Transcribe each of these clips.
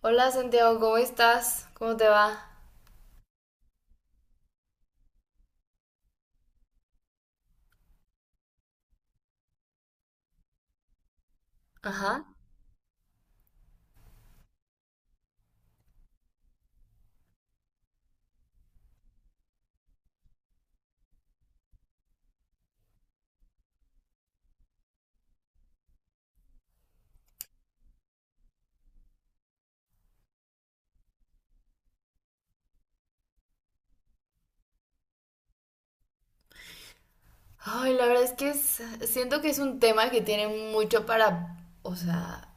Hola Santiago, ¿cómo estás? ¿Cómo te va? Ajá. Ay, la verdad es que siento que es un tema que tiene mucho para, o sea,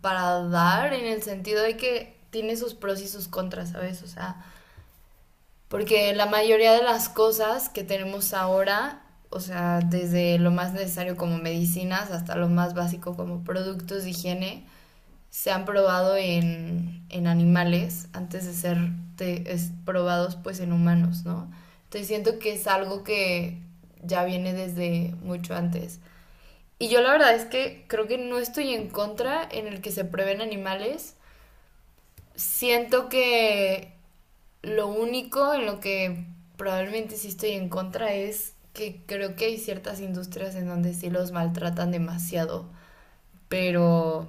para dar en el sentido de que tiene sus pros y sus contras, ¿sabes? O sea, porque la mayoría de las cosas que tenemos ahora, o sea, desde lo más necesario como medicinas hasta lo más básico como productos de higiene, se han probado en animales antes de ser probados pues en humanos, ¿no? Entonces siento que es algo que ya viene desde mucho antes. Y yo la verdad es que creo que no estoy en contra en el que se prueben animales. Siento que lo único en lo que probablemente sí estoy en contra es que creo que hay ciertas industrias en donde sí los maltratan demasiado, pero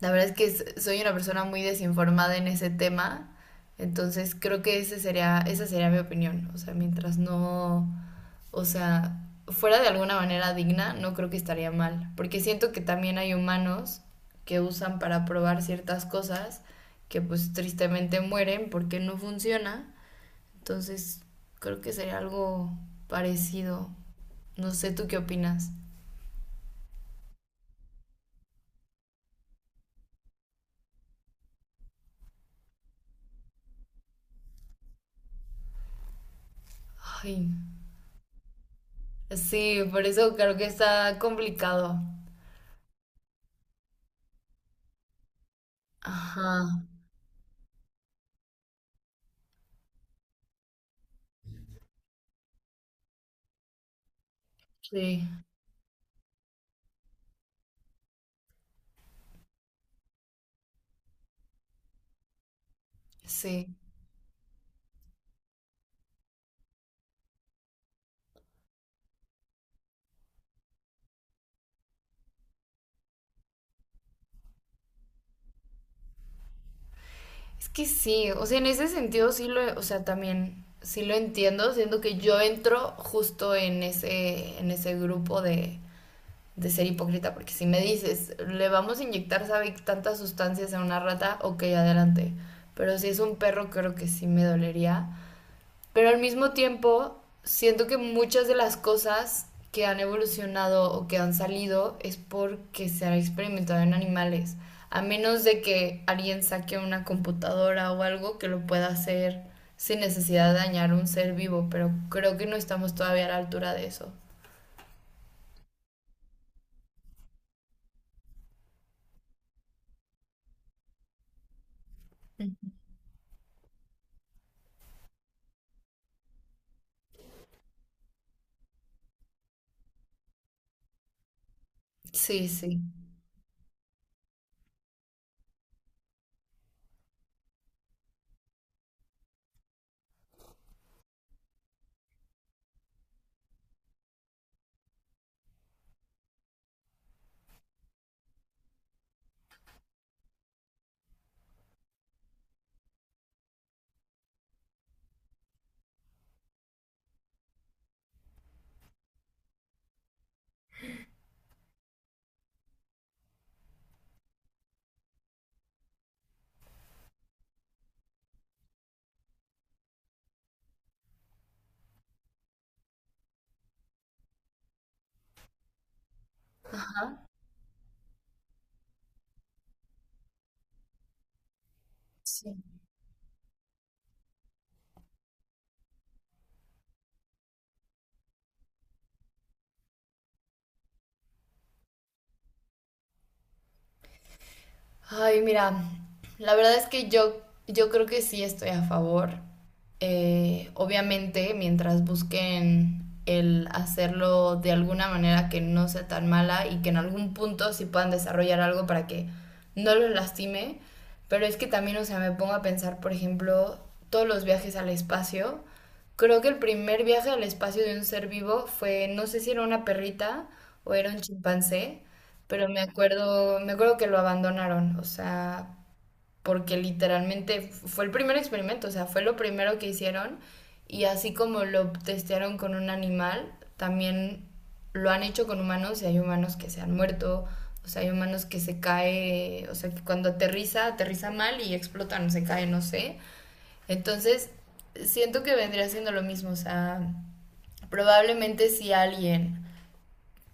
la verdad es que soy una persona muy desinformada en ese tema, entonces creo que esa sería mi opinión. O sea, mientras no, o sea, fuera de alguna manera digna, no creo que estaría mal, porque siento que también hay humanos que usan para probar ciertas cosas que pues tristemente mueren porque no funciona. Entonces creo que sería algo parecido. No sé, ¿tú qué opinas? Ay, sí, por eso creo que está complicado. Ajá. Sí, sí. Es que sí, o sea, en ese sentido o sea, también sí lo entiendo. Siento que yo entro justo en ese grupo de ser hipócrita, porque si me dices, le vamos a inyectar, sabe, tantas sustancias a una rata, ok, adelante. Pero si es un perro, creo que sí me dolería. Pero al mismo tiempo, siento que muchas de las cosas que han evolucionado o que han salido es porque se ha experimentado en animales. A menos de que alguien saque una computadora o algo que lo pueda hacer sin necesidad de dañar un ser vivo, pero creo que no estamos todavía a la altura de eso. Sí, sí. Sí. Ay, mira, la verdad es que yo creo que sí estoy a favor. Obviamente, mientras busquen el hacerlo de alguna manera que no sea tan mala y que en algún punto sí puedan desarrollar algo para que no los lastime. Pero es que también, o sea, me pongo a pensar, por ejemplo, todos los viajes al espacio. Creo que el primer viaje al espacio de un ser vivo fue, no sé si era una perrita o era un chimpancé, pero me acuerdo que lo abandonaron, o sea, porque literalmente fue el primer experimento, o sea, fue lo primero que hicieron, y así como lo testearon con un animal, también lo han hecho con humanos y hay humanos que se han muerto, o sea, hay humanos que se cae, o sea, que cuando aterriza, aterriza mal y explotan, se cae, no sé. Entonces, siento que vendría siendo lo mismo, o sea, probablemente si alguien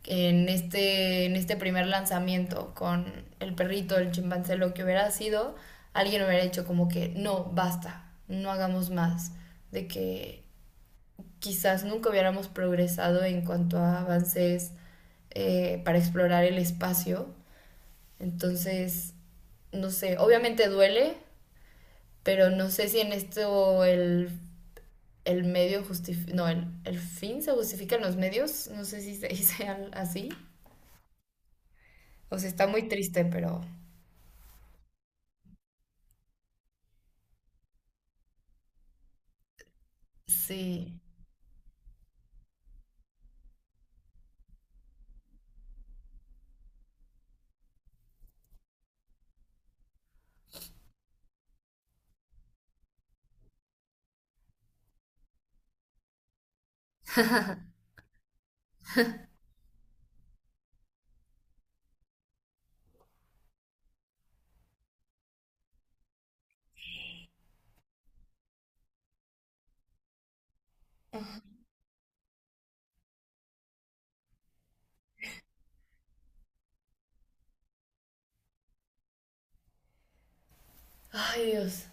en este primer lanzamiento con el perrito, el chimpancé, lo que hubiera sido, alguien hubiera dicho como que no, basta, no hagamos más, de que quizás nunca hubiéramos progresado en cuanto a avances para explorar el espacio. Entonces, no sé, obviamente duele, pero no sé si en esto el medio justifica, no, el fin se justifica en los medios, no sé si se dice así. O sea, está muy triste, pero sí. Ay, Dios.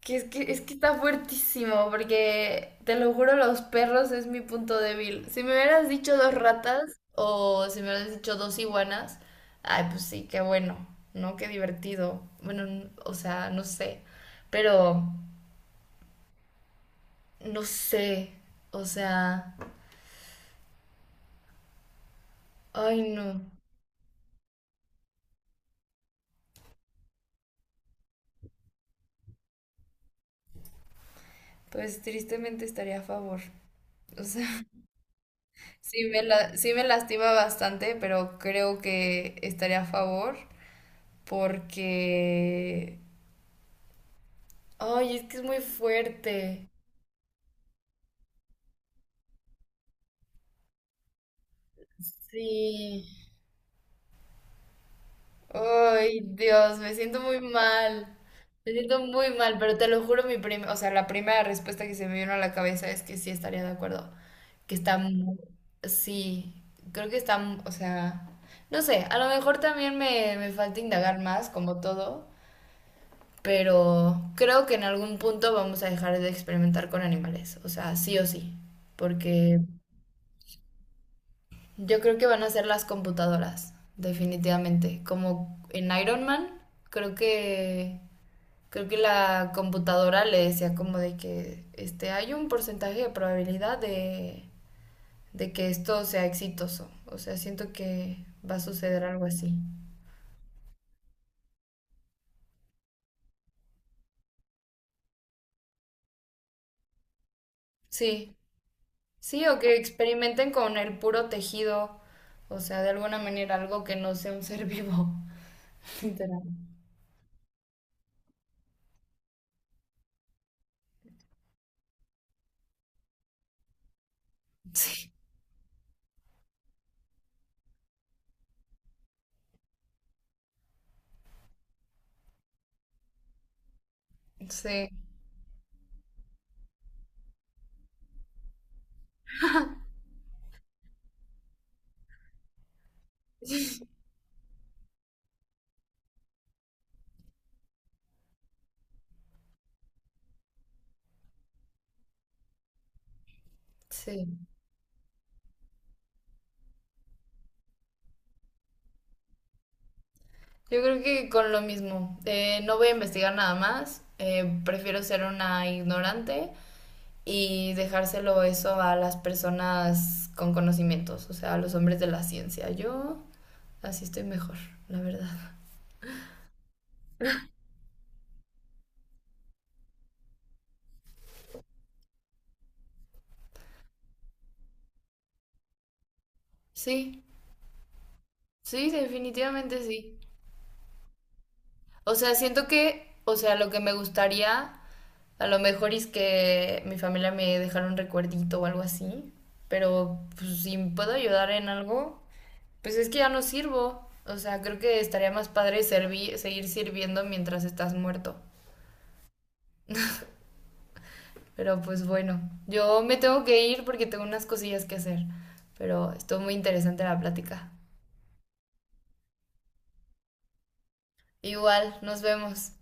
Es que está fuertísimo, porque te lo juro, los perros es mi punto débil. Si me hubieras dicho dos ratas o si me hubieras dicho dos iguanas, ay, pues sí, qué bueno, ¿no? Qué divertido. Bueno, o sea, no sé. Pero, no sé. O sea, ay, no. Pues tristemente estaría a favor. O sea, sí me lastima bastante, pero creo que estaría a favor. Porque... Ay, es que es muy fuerte. Sí. Ay, Dios, me siento muy mal. Me siento muy mal, pero te lo juro, mi prim... o sea, la primera respuesta que se me vino a la cabeza es que sí estaría de acuerdo. Que está mu- Sí, creo que o sea, no sé, a lo mejor también me falta indagar más, como todo, pero creo que en algún punto vamos a dejar de experimentar con animales, o sea, sí o sí, porque... Yo creo que van a ser las computadoras, definitivamente. Como en Iron Man, creo que creo que la computadora le decía como de que este hay un porcentaje de probabilidad de que esto sea exitoso. O sea, siento que va a suceder algo así. Sí, sí, o que experimenten con el puro tejido, o sea, de alguna manera algo que no sea un ser vivo. Literal. Sí, sí, sí. Yo creo que con lo mismo. No voy a investigar nada más. Prefiero ser una ignorante y dejárselo eso a las personas con conocimientos, o sea, a los hombres de la ciencia. Yo así estoy mejor, la verdad. Sí, sí, definitivamente sí. O sea, siento que, o sea, lo que me gustaría a lo mejor es que mi familia me dejara un recuerdito o algo así, pero pues, si puedo ayudar en algo, pues es que ya no sirvo. O sea, creo que estaría más padre seguir sirviendo mientras estás muerto. Pero pues bueno, yo me tengo que ir porque tengo unas cosillas que hacer. Pero estuvo muy interesante la plática. Igual, nos vemos.